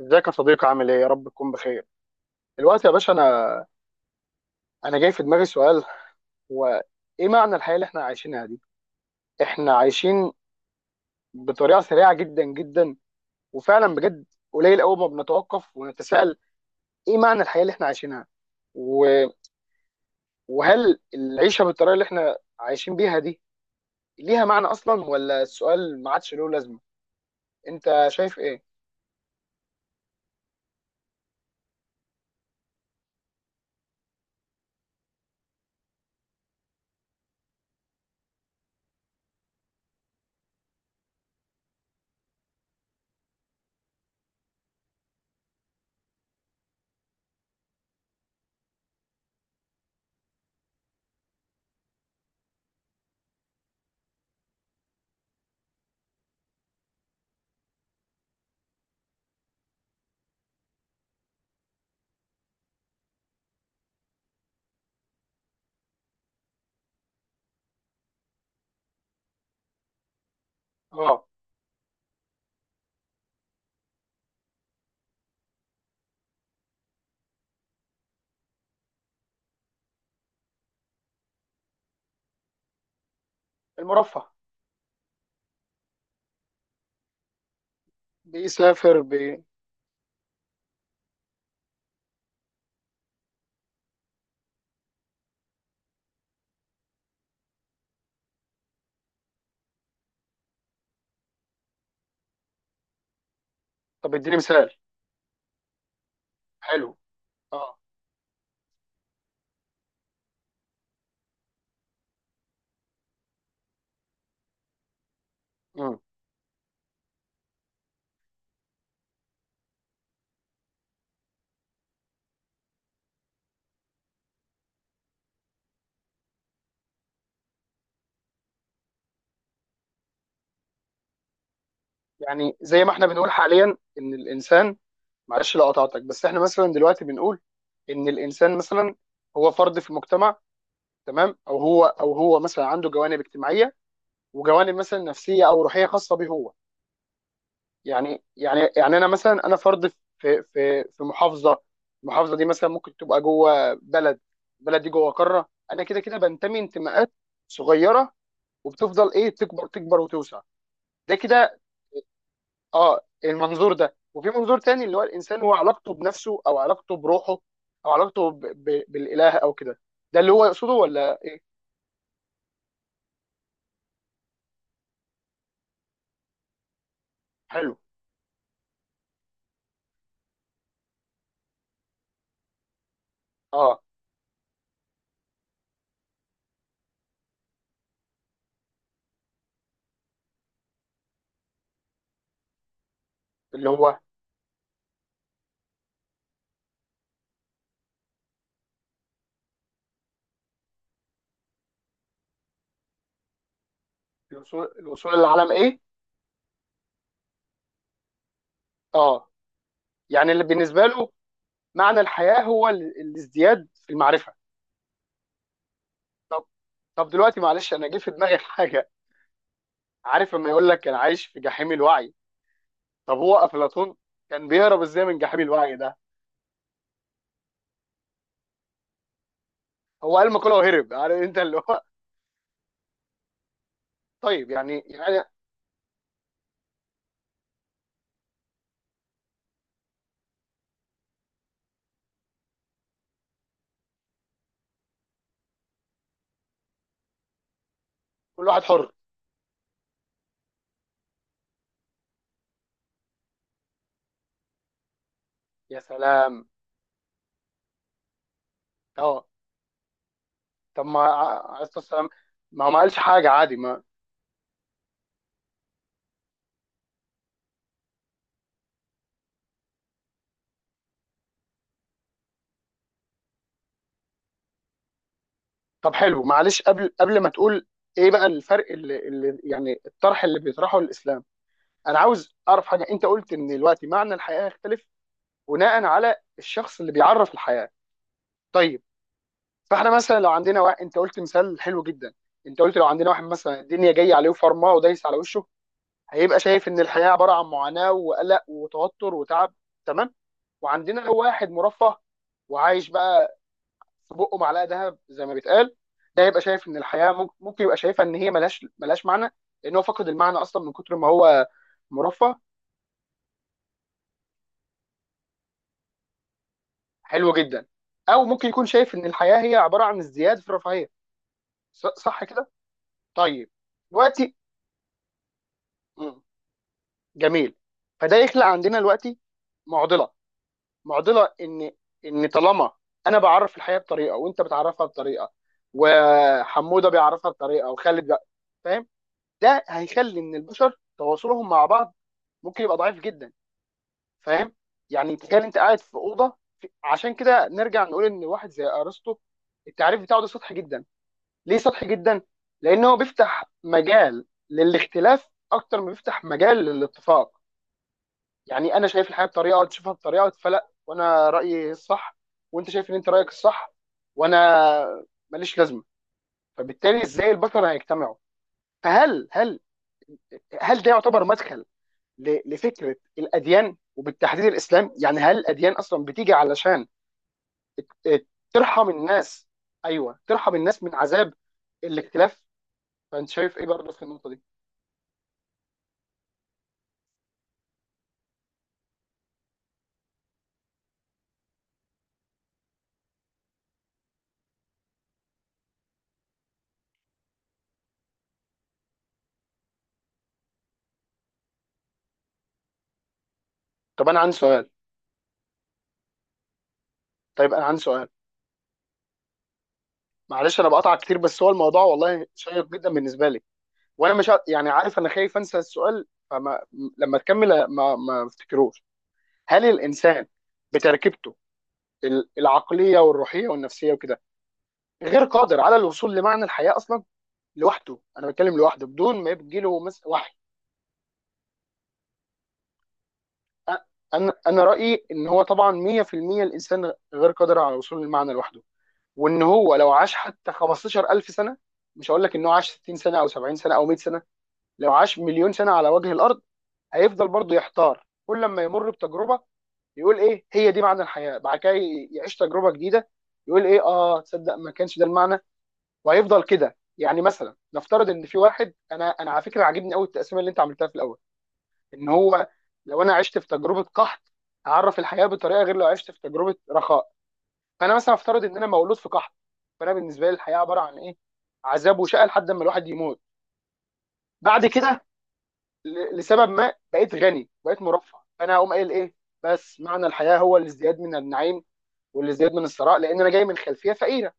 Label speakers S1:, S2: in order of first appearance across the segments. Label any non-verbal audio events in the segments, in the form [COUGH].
S1: ازيك يا صديقي؟ عامل ايه؟ يا رب تكون بخير. دلوقتي يا باشا، انا جاي في دماغي سؤال، هو ايه معنى الحياه اللي احنا عايشينها دي؟ احنا عايشين بطريقه سريعه جدا جدا، وفعلا بجد قليل قوي ما بنتوقف ونتساءل ايه معنى الحياه اللي احنا عايشينها، و- وهل العيشه بالطريقه اللي احنا عايشين بيها دي ليها معنى اصلا، ولا السؤال ما عادش له لازمه؟ انت شايف ايه؟ اه. المرفه. بيسافر. طب اديني مثال. حلو. اه. يعني زي ما احنا بنقول حاليا ان الانسان، معلش لو قطعتك، بس احنا مثلا دلوقتي بنقول ان الانسان مثلا هو فرد في المجتمع، تمام، او هو مثلا عنده جوانب اجتماعيه وجوانب مثلا نفسيه او روحيه خاصه به هو. يعني انا مثلا انا فرد في محافظه، المحافظه دي مثلا ممكن تبقى جوه بلد، البلد دي جوه قاره، انا كده كده بنتمي انتماءات صغيره، وبتفضل ايه تكبر تكبر وتوسع، ده كده. اه، المنظور ده، وفي منظور تاني اللي هو الانسان هو علاقته بنفسه او علاقته بروحه او علاقته بالاله او كده، ده اللي هو يقصده ولا ايه؟ حلو. اه. اللي هو الوصول للعالم، ايه؟ اه. يعني اللي بالنسبه له معنى الحياه هو الازدياد في المعرفه. طب طب دلوقتي، معلش، انا جه في دماغي حاجه. عارف لما يقول لك انا عايش في جحيم الوعي؟ طب هو افلاطون كان بيهرب ازاي من جحيم الوعي ده؟ هو قال مقوله وهرب، عارف انت اللي هو. طيب، يعني كل واحد حر. يا سلام. اه. طب ما عايز السلام، ما هو ما قالش حاجه عادي، ما. طب حلو، معلش، قبل ما تقول، ايه بقى الفرق اللي يعني الطرح اللي بيطرحه الاسلام؟ انا عاوز اعرف حاجه، انت قلت ان دلوقتي معنى الحياه يختلف بناء على الشخص اللي بيعرف الحياه، طيب. فاحنا مثلا لو عندنا واحد، انت قلت مثال حلو جدا، انت قلت لو عندنا واحد مثلا الدنيا جايه عليه فرماه ودايس على وشه، هيبقى شايف ان الحياه عباره عن معاناه وقلق وتوتر وتعب، تمام. وعندنا لو واحد مرفه وعايش بقى في بقه معلقه ذهب زي ما بيتقال، ده يبقى شايف ان الحياه ممكن يبقى شايفها ان هي ملهاش معنى، لان هو فقد المعنى اصلا من كتر ما هو مرفه. حلو جدا. او ممكن يكون شايف ان الحياه هي عباره عن ازدياد في الرفاهيه، صح كده؟ طيب. دلوقتي. مم، جميل. فده يخلق عندنا دلوقتي معضله، معضله ان طالما انا بعرف الحياه بطريقه وانت بتعرفها بطريقه وحموده بيعرفها بطريقه وخالد فاهم؟ ده هيخلي ان البشر تواصلهم مع بعض ممكن يبقى ضعيف جدا، فاهم؟ يعني تخيل انت قاعد في اوضه عشان كده نرجع نقول ان واحد زي ارسطو، التعريف بتاعه ده سطحي جدا. ليه سطحي جدا؟ لان هو بيفتح مجال للاختلاف اكتر ما بيفتح مجال للاتفاق. يعني انا شايف الحياه بطريقه وانت شايفها بطريقه، فلا، وانا رايي الصح، وانت شايف ان انت رايك الصح، وانا ماليش لازمه، فبالتالي ازاي البشر هيجتمعوا؟ فهل هل هل ده يعتبر مدخل لفكره الاديان وبالتحديد الاسلام؟ يعني هل الاديان اصلا بتيجي علشان آه، ترحم الناس؟ ايوه، ترحم الناس من عذاب الاختلاف. فانت شايف ايه برضه في النقطه دي؟ طب انا عندي سؤال. طيب انا عندي سؤال، معلش انا بقطع كتير، بس هو الموضوع والله شيق جدا بالنسبه لي، وانا مش يعني عارف، انا خايف انسى السؤال، فما لما تكمل ما افتكروش. هل الانسان بتركيبته العقليه والروحيه والنفسيه وكده غير قادر على الوصول لمعنى الحياه اصلا لوحده؟ انا بتكلم لوحده بدون ما يجي له مثلا وحي. أ- انا رايي ان هو طبعا 100% الانسان غير قادر على الوصول للمعنى لوحده، وان هو لو عاش حتى 15,000 سنه، مش هقول لك ان هو عاش 60 سنه او 70 سنه او 100 سنه، لو عاش مليون سنه على وجه الارض، هيفضل برضه يحتار، كل لما يمر بتجربه يقول ايه هي دي معنى الحياه، بعد كده يعيش تجربه جديده يقول ايه، اه تصدق ما كانش ده المعنى، وهيفضل كده. يعني مثلا نفترض ان في واحد، انا على فكره عاجبني قوي التقسيمه اللي انت عملتها في الاول، ان هو، لو انا عشت في تجربه قحط هعرف الحياه بطريقه غير لو عشت في تجربه رخاء، فانا مثلا افترض ان انا مولود في قحط، فانا بالنسبه لي الحياه عباره عن ايه؟ عذاب وشقى لحد ما الواحد يموت. بعد كده، لسبب ما، بقيت غني، بقيت مرفه، فانا هقوم قايل ايه؟ بس معنى الحياه هو الازدياد من النعيم والازدياد من الثراء، لان انا جاي من خلفيه فقيره،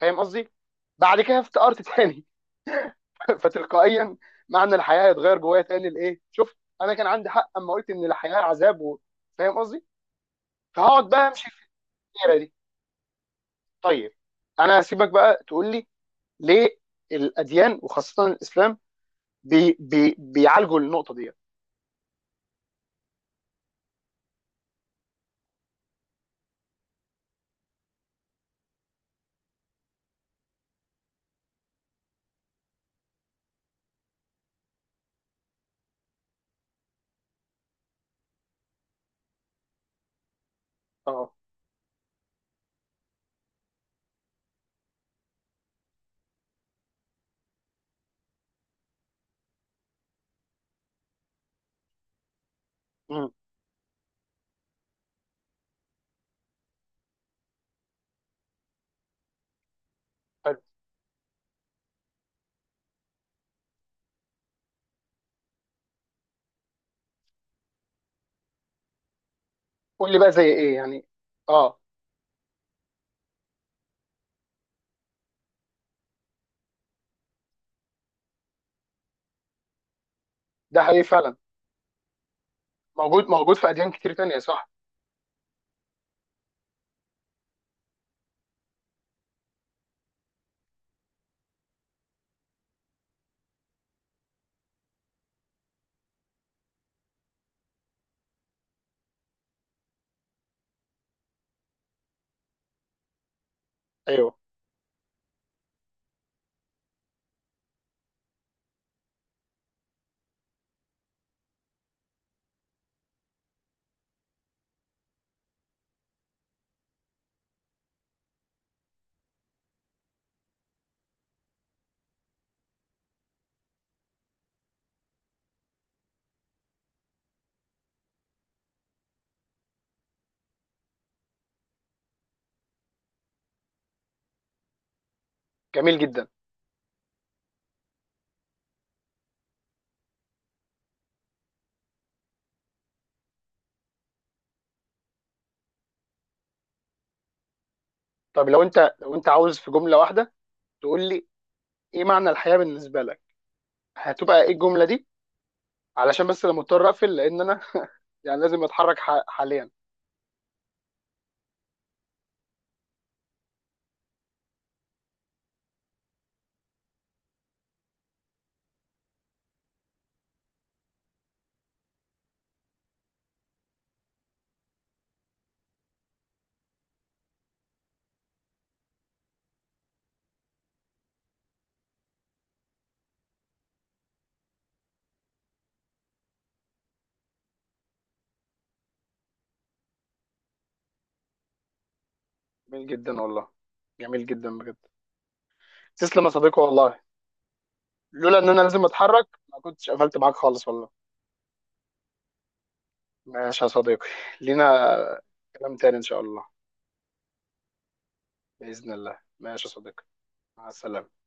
S1: فاهم قصدي؟ بعد كده افتقرت تاني. [LAUGHS] فتلقائيا معنى الحياه هيتغير جوايا تاني لايه؟ شوف، انا كان عندي حق اما قلت ان الحياه عذاب. فاهم قصدي؟ فهقعد بقى امشي في الدايره دي. طيب، انا هسيبك بقى تقول لي ليه الاديان وخاصه الاسلام بي بي بيعالجوا النقطه دي. اه. امم. حلو، قول لي بقى زي ايه يعني. اه. ده حقيقي فعلا، موجود موجود في اديان كتير تانية، صح؟ ايوه. جميل جدا. طب لو انت عاوز في جمله واحده تقول لي ايه معنى الحياه بالنسبه لك، هتبقى ايه الجمله دي؟ علشان بس انا مضطر اقفل، لان انا [LAUGHS] يعني لازم اتحرك حاليا. جميل جدا والله، جميل جدا بجد. تسلم يا صديقي والله، لولا ان انا لازم اتحرك ما كنتش قفلت معاك خالص والله. ماشي يا صديقي. لينا كلام تاني ان شاء الله. باذن الله، ماشي يا صديقي. مع السلامه.